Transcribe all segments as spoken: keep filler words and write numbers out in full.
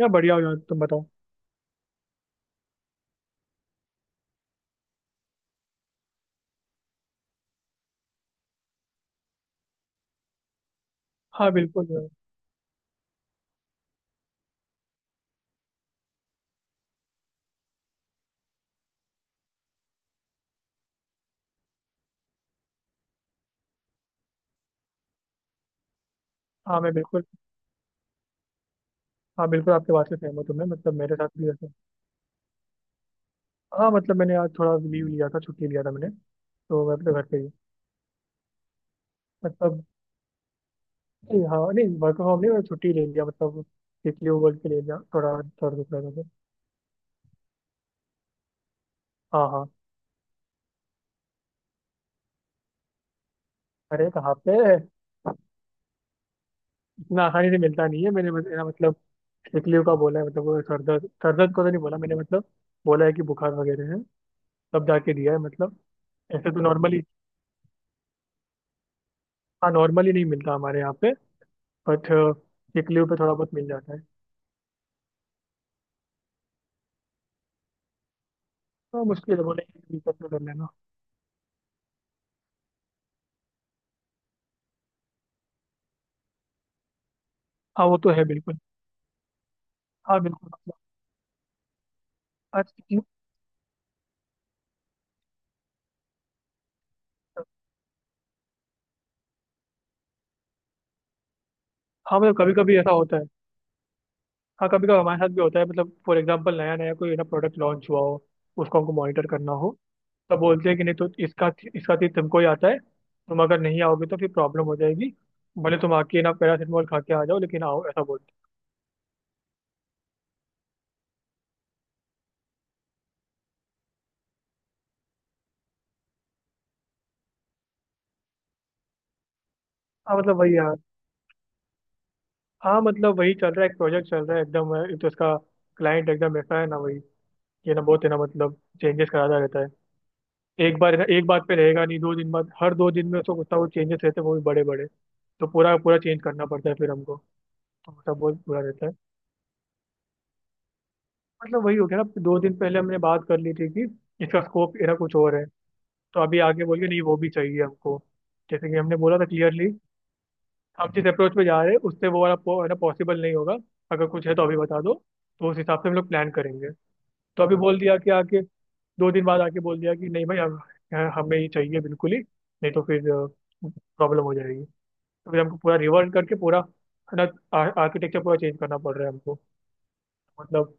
यार बढ़िया हो यार। तुम बताओ। हाँ बिल्कुल यार। हाँ मैं बिल्कुल, हाँ बिल्कुल आपके बात से सहमत हूँ मैं। मतलब मेरे साथ भी ऐसा। हाँ मतलब मैंने आज थोड़ा लीव लिया था, छुट्टी लिया था मैंने, तो मैं अपने घर पे ही। मतलब नहीं, हाँ नहीं वर्क फ्रॉम होम नहीं, मैं छुट्टी ले लिया। मतलब इसलिए वो बोल के ले लिया, थोड़ा सर दुख रहा था तो। हाँ हाँ। अरे कहाँ पे, इतना आसानी से मिलता नहीं है। मैंने बस- ना मतलब एकलियो का बोला है। मतलब वो सर दर्द सर दर्द को तो नहीं बोला मैंने। मतलब बोला है कि बुखार वगैरह है, तब जाके दिया है मतलब। ऐसे तो नॉर्मली, हाँ नॉर्मली नहीं मिलता हमारे यहाँ पे। बट वीकली पे थोड़ा बहुत मिल जाता है। तो मुश्किल है, बोलेंगे दिक्कत में कर लेना। हाँ वो तो है बिल्कुल। हाँ बिल्कुल मतलब। आज हाँ मतलब कभी कभी ऐसा होता है। हाँ कभी कभी हमारे साथ भी होता है। मतलब फॉर एग्जाम्पल नया नया कोई ना प्रोडक्ट लॉन्च हुआ हो, उसको हमको मॉनिटर करना हो, तब बोलते हैं कि नहीं तो इसका इसका चीज तुमको ही आता है, तुम अगर नहीं आओगे तो फिर प्रॉब्लम हो जाएगी। भले तुम आके ना पैरासीटामोल खा के आ जाओ, लेकिन आओ, ऐसा बोलते हैं। हाँ मतलब वही यार। हाँ मतलब वही चल रहा है, एक प्रोजेक्ट चल रहा है एकदम। एक तो इसका क्लाइंट एकदम ऐसा है ना, वही ये ना बहुत है ना, मतलब चेंजेस कराता रहता है। एक बार है ना एक बात पे रहेगा नहीं, दो दिन बाद, हर दो दिन में उसको कुछ ना कुछ चेंजेस रहते हैं, वो भी बड़े बड़े। तो पूरा पूरा चेंज करना पड़ता है फिर हमको, तो सब बहुत बुरा रहता है। मतलब वही हो गया ना, दो दिन पहले हमने बात कर ली थी कि इसका स्कोप ना कुछ और है। तो अभी आगे बोल के नहीं, वो भी चाहिए हमको, जैसे कि हमने बोला था क्लियरली। हम जिस अप्रोच पे जा रहे हैं उससे वो वाला पो- है ना पॉसिबल नहीं होगा, अगर कुछ है तो अभी बता दो तो उस हिसाब से हम लोग प्लान करेंगे। तो अभी बोल दिया कि आके, दो दिन बाद आके बोल दिया कि नहीं भाई, अब अ, हमें ही चाहिए बिल्कुल ही, नहीं तो फिर प्रॉब्लम हो जाएगी। तो फिर हमको पूरा रिवर्ट करके पूरा, है ना, आर्किटेक्चर पूरा चेंज करना पड़ रहा है हमको, मतलब।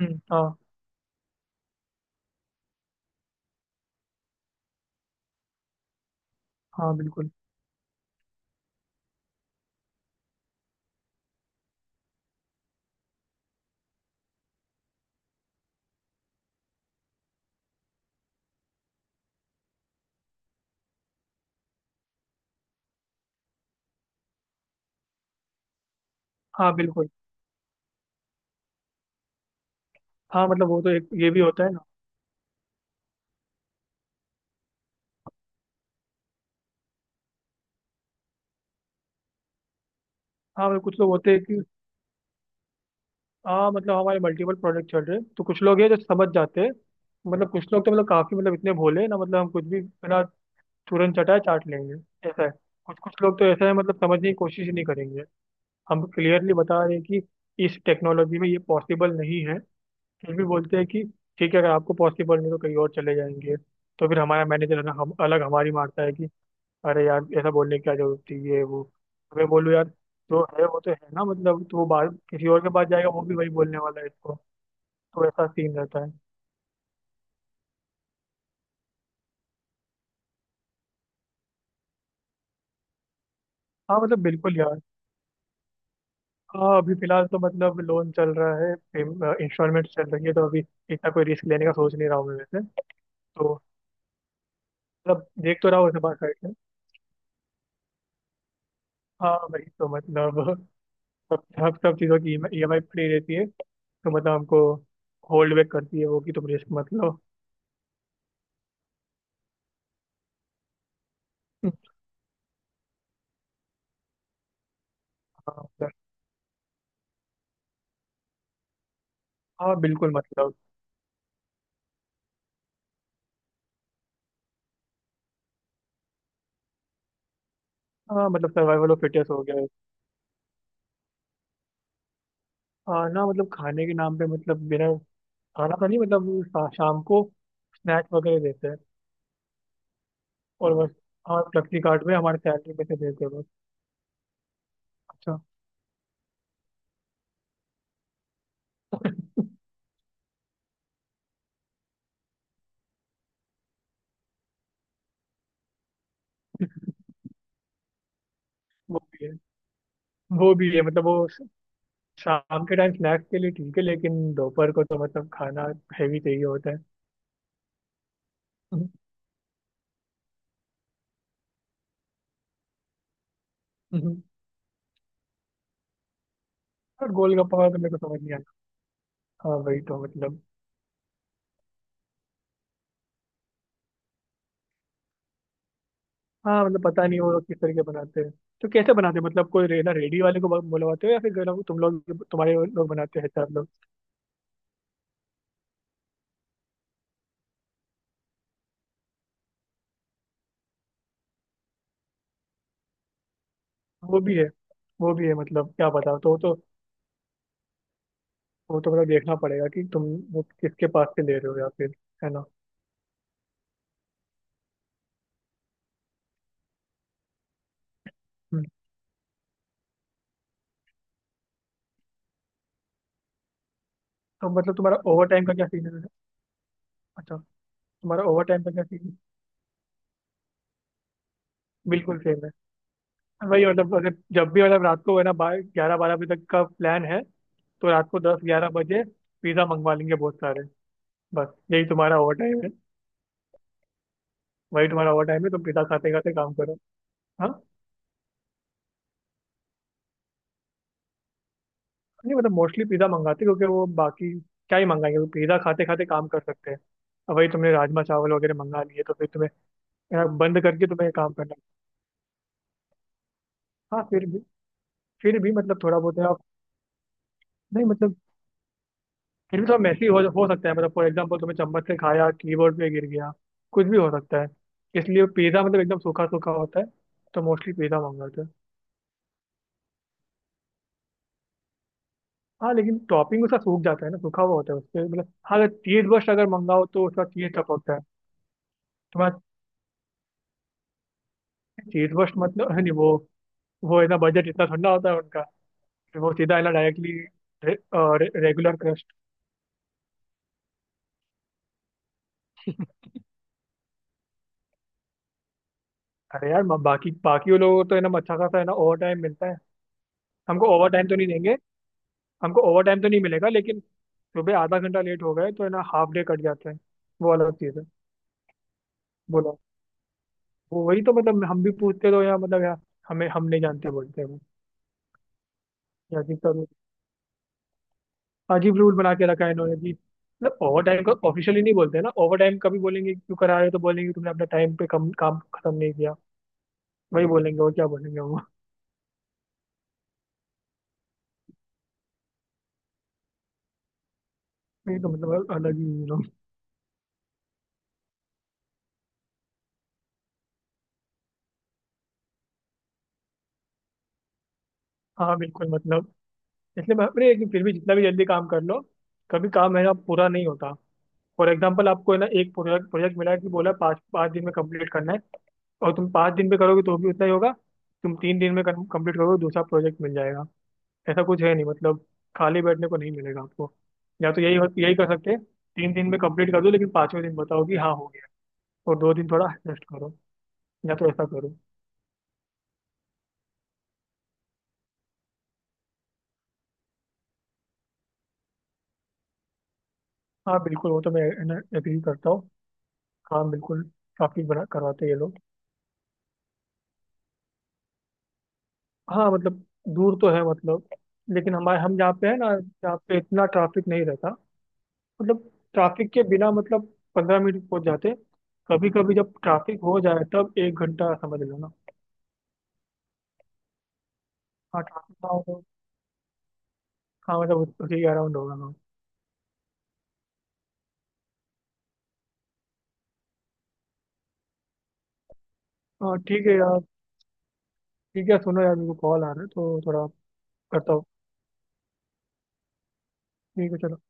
हम्म, हाँ। हाँ बिल्कुल। हाँ बिल्कुल। हाँ मतलब वो तो एक ये भी होता है ना। हाँ मतलब कुछ लोग होते हैं कि, हाँ मतलब हमारे मल्टीपल प्रोडक्ट चल रहे हैं, तो कुछ लोग हैं जो समझ जाते हैं। मतलब कुछ लोग तो मतलब काफी, मतलब इतने भोले हैं ना, मतलब हम कुछ भी है ना तुरंत चटाए चाट लेंगे ऐसा है। कुछ कुछ लोग तो ऐसा है, मतलब समझने की कोशिश ही नहीं करेंगे। हम क्लियरली बता रहे हैं कि इस टेक्नोलॉजी में ये पॉसिबल नहीं है, फिर भी बोलते हैं कि ठीक है अगर आपको पॉसिबल नहीं तो कहीं और चले जाएंगे। तो फिर हमारा मैनेजर है ना, हम अलग हमारी मारता है कि अरे यार ऐसा बोलने की क्या जरूरत थी, ये वो। तो मैं बोलूँ यार जो है वो तो है ना, मतलब तो वो बाहर किसी और के पास जाएगा, वो भी वही बोलने वाला है इसको। तो ऐसा सीन रहता है। हाँ मतलब बिल्कुल यार। हाँ अभी फिलहाल तो मतलब लोन चल रहा है, इंस्टॉलमेंट चल रही है, तो अभी इतना कोई रिस्क लेने का सोच नहीं रहा हूँ मैं वैसे। तो मतलब देख तो रहा हूँ ऐसे बात। हाँ भाई तो मतलब सब सब सब चीज़ों की ई एम आई फ्री रहती है, तो मतलब हमको होल्ड बैक करती है वो कि तुम रिस्क मत लो। हाँ मतलब। हाँ बिल्कुल मतलब। हाँ मतलब सर्वाइवल ऑफ फिटेस्ट हो गया है। हाँ ना मतलब खाने के नाम पे, मतलब बिना, खाना तो नहीं, मतलब शा- शाम को स्नैक्स वगैरह देते हैं, और बस। हाँ फ्लेक्सी कार्ड में हमारे सैलरी में से देते हैं बस। अच्छा। वो भी है। वो भी है, मतलब वो श- शाम के टाइम स्नैक्स के लिए ठीक है, लेकिन दोपहर को तो मतलब खाना हैवी चाहिए होता है। और गोलगप्पा का तो मेरे को समझ नहीं आता। हाँ वही तो मतलब। हाँ मतलब पता नहीं वो लोग किस तरीके बनाते हैं, तो कैसे बनाते हैं, मतलब कोई रेना रेडी वाले को ब- बुलवाते हो, या फिर गरम तुम लोग तुम्हारे वो लोग बनाते हैं सब लोग। वो भी है। वो भी है, मतलब क्या पता, तो तो वो तो मतलब देखना पड़ेगा कि तुम वो किसके पास से ले रहे हो, या फिर, है ना। हम्म। तो मतलब तुम्हारा ओवर टाइम का क्या सीन है। अच्छा, तुम्हारा ओवर टाइम का क्या सीन है। बिल्कुल सेम है। वही मतलब अगर जब भी मतलब रात को है ना ग्यारह बारह बजे तक का प्लान है, तो रात को दस ग्यारह बजे पिज्जा मंगवा लेंगे बहुत सारे। बस यही तुम्हारा ओवर टाइम है। वही तुम्हारा ओवर टाइम है, तुम पिज्जा खाते खाते काम करो। हाँ। नहीं मतलब मोस्टली पिज्जा मंगाते, क्योंकि वो बाकी क्या ही मंगाएंगे, वो पिज्जा खाते खाते काम कर सकते हैं। अब वही तुमने राजमा चावल वगैरह मंगा लिए तो फिर तुम्हें यार, बंद करके तुम्हें काम करना है। हाँ फिर भी, फिर भी मतलब थोड़ा बहुत आप, नहीं मतलब फिर भी थोड़ा मैसी हो, हो सकता है, मतलब फॉर एग्जाम्पल तुमने चम्मच से खाया, कीबोर्ड पे गिर गया, कुछ भी हो सकता है। इसलिए पिज्जा मतलब एकदम सूखा सूखा होता है, तो मोस्टली पिज्जा मंगाते हैं। हाँ लेकिन टॉपिंग उसका सूख जाता है ना, सूखा हुआ होता है उसके, मतलब हाँ अगर चीज बर्स्ट अगर मंगाओ तो उसका चीज टपकता है। तुम्हारा चीज बर्स्ट मतलब है नहीं वो, वो इतना बजट इतना ठंडा होता है उनका, फिर वो सीधा है ना डायरेक्टली रे, रेगुलर क्रस्ट। अरे यार म- बाकी बाकी वो लोगों को तो है ना अच्छा खासा है ना ओवर टाइम मिलता है। हमको ओवर टाइम तो नहीं देंगे, हमको ओवर टाइम तो नहीं मिलेगा, लेकिन सुबह आधा घंटा लेट हो गए तो है ना हाफ डे कट जाता है। वो अलग चीज़ है। बोलो, वो वही तो मतलब हम भी पूछते तो यार मतलब यार, हमें, हम नहीं जानते बोलते हैं वो, या अजीब रूल बना के रखा है इन्होंने भी। मतलब ओवर टाइम को ऑफिशियली नहीं बोलते ना ओवर टाइम कभी, बोलेंगे क्यों करा रहे हो, तो बोलेंगे तुमने अपना टाइम पे कम काम खत्म नहीं किया, वही बोलेंगे और क्या बोलेंगे वो। ये तो मतलब अलग ही ये लोग। हाँ बिल्कुल मतलब, इसलिए मैं, अरे लेकिन फिर भी जितना भी जल्दी काम कर लो, कभी काम है ना पूरा नहीं होता। फॉर एग्जाम्पल आपको है ना एक प्रोजेक्ट प्रोजेक्ट मिला है कि बोला पाँच पाँच दिन में कंप्लीट करना है, और तुम पाँच दिन में करोगे तो भी उतना ही होगा। तुम तीन दिन में कंप्लीट करोगे दूसरा प्रोजेक्ट मिल जाएगा। ऐसा कुछ है नहीं मतलब, खाली बैठने को नहीं मिलेगा आपको। या तो यही यही कर सकते हैं, तीन दिन में कंप्लीट कर दो लेकिन पांचवें दिन बताओ कि हाँ हो गया, और दो दिन थोड़ा रेस्ट करो, या तो ऐसा करो। हाँ बिल्कुल, वो तो मैं एग्री करता हूँ। काम बिल्कुल, काफी बड़ा करवाते हैं ये लोग। हाँ मतलब दूर तो है, मतलब लेकिन हमारे, हम जहाँ पे है ना जहाँ पे इतना ट्रैफिक नहीं रहता। मतलब ट्रैफिक के बिना मतलब पंद्रह मिनट पहुंच जाते, कभी कभी जब ट्रैफिक हो जाए तब एक घंटा समझ लो ना। हाँ ट्रैफिक ना हो तो, हाँ मतलब उसी के अराउंड होगा। हाँ ठीक है यार। ठीक है सुनो यार मेरे को कॉल आ रहा है तो थोड़ा, करता हूँ। ठीक है चलो।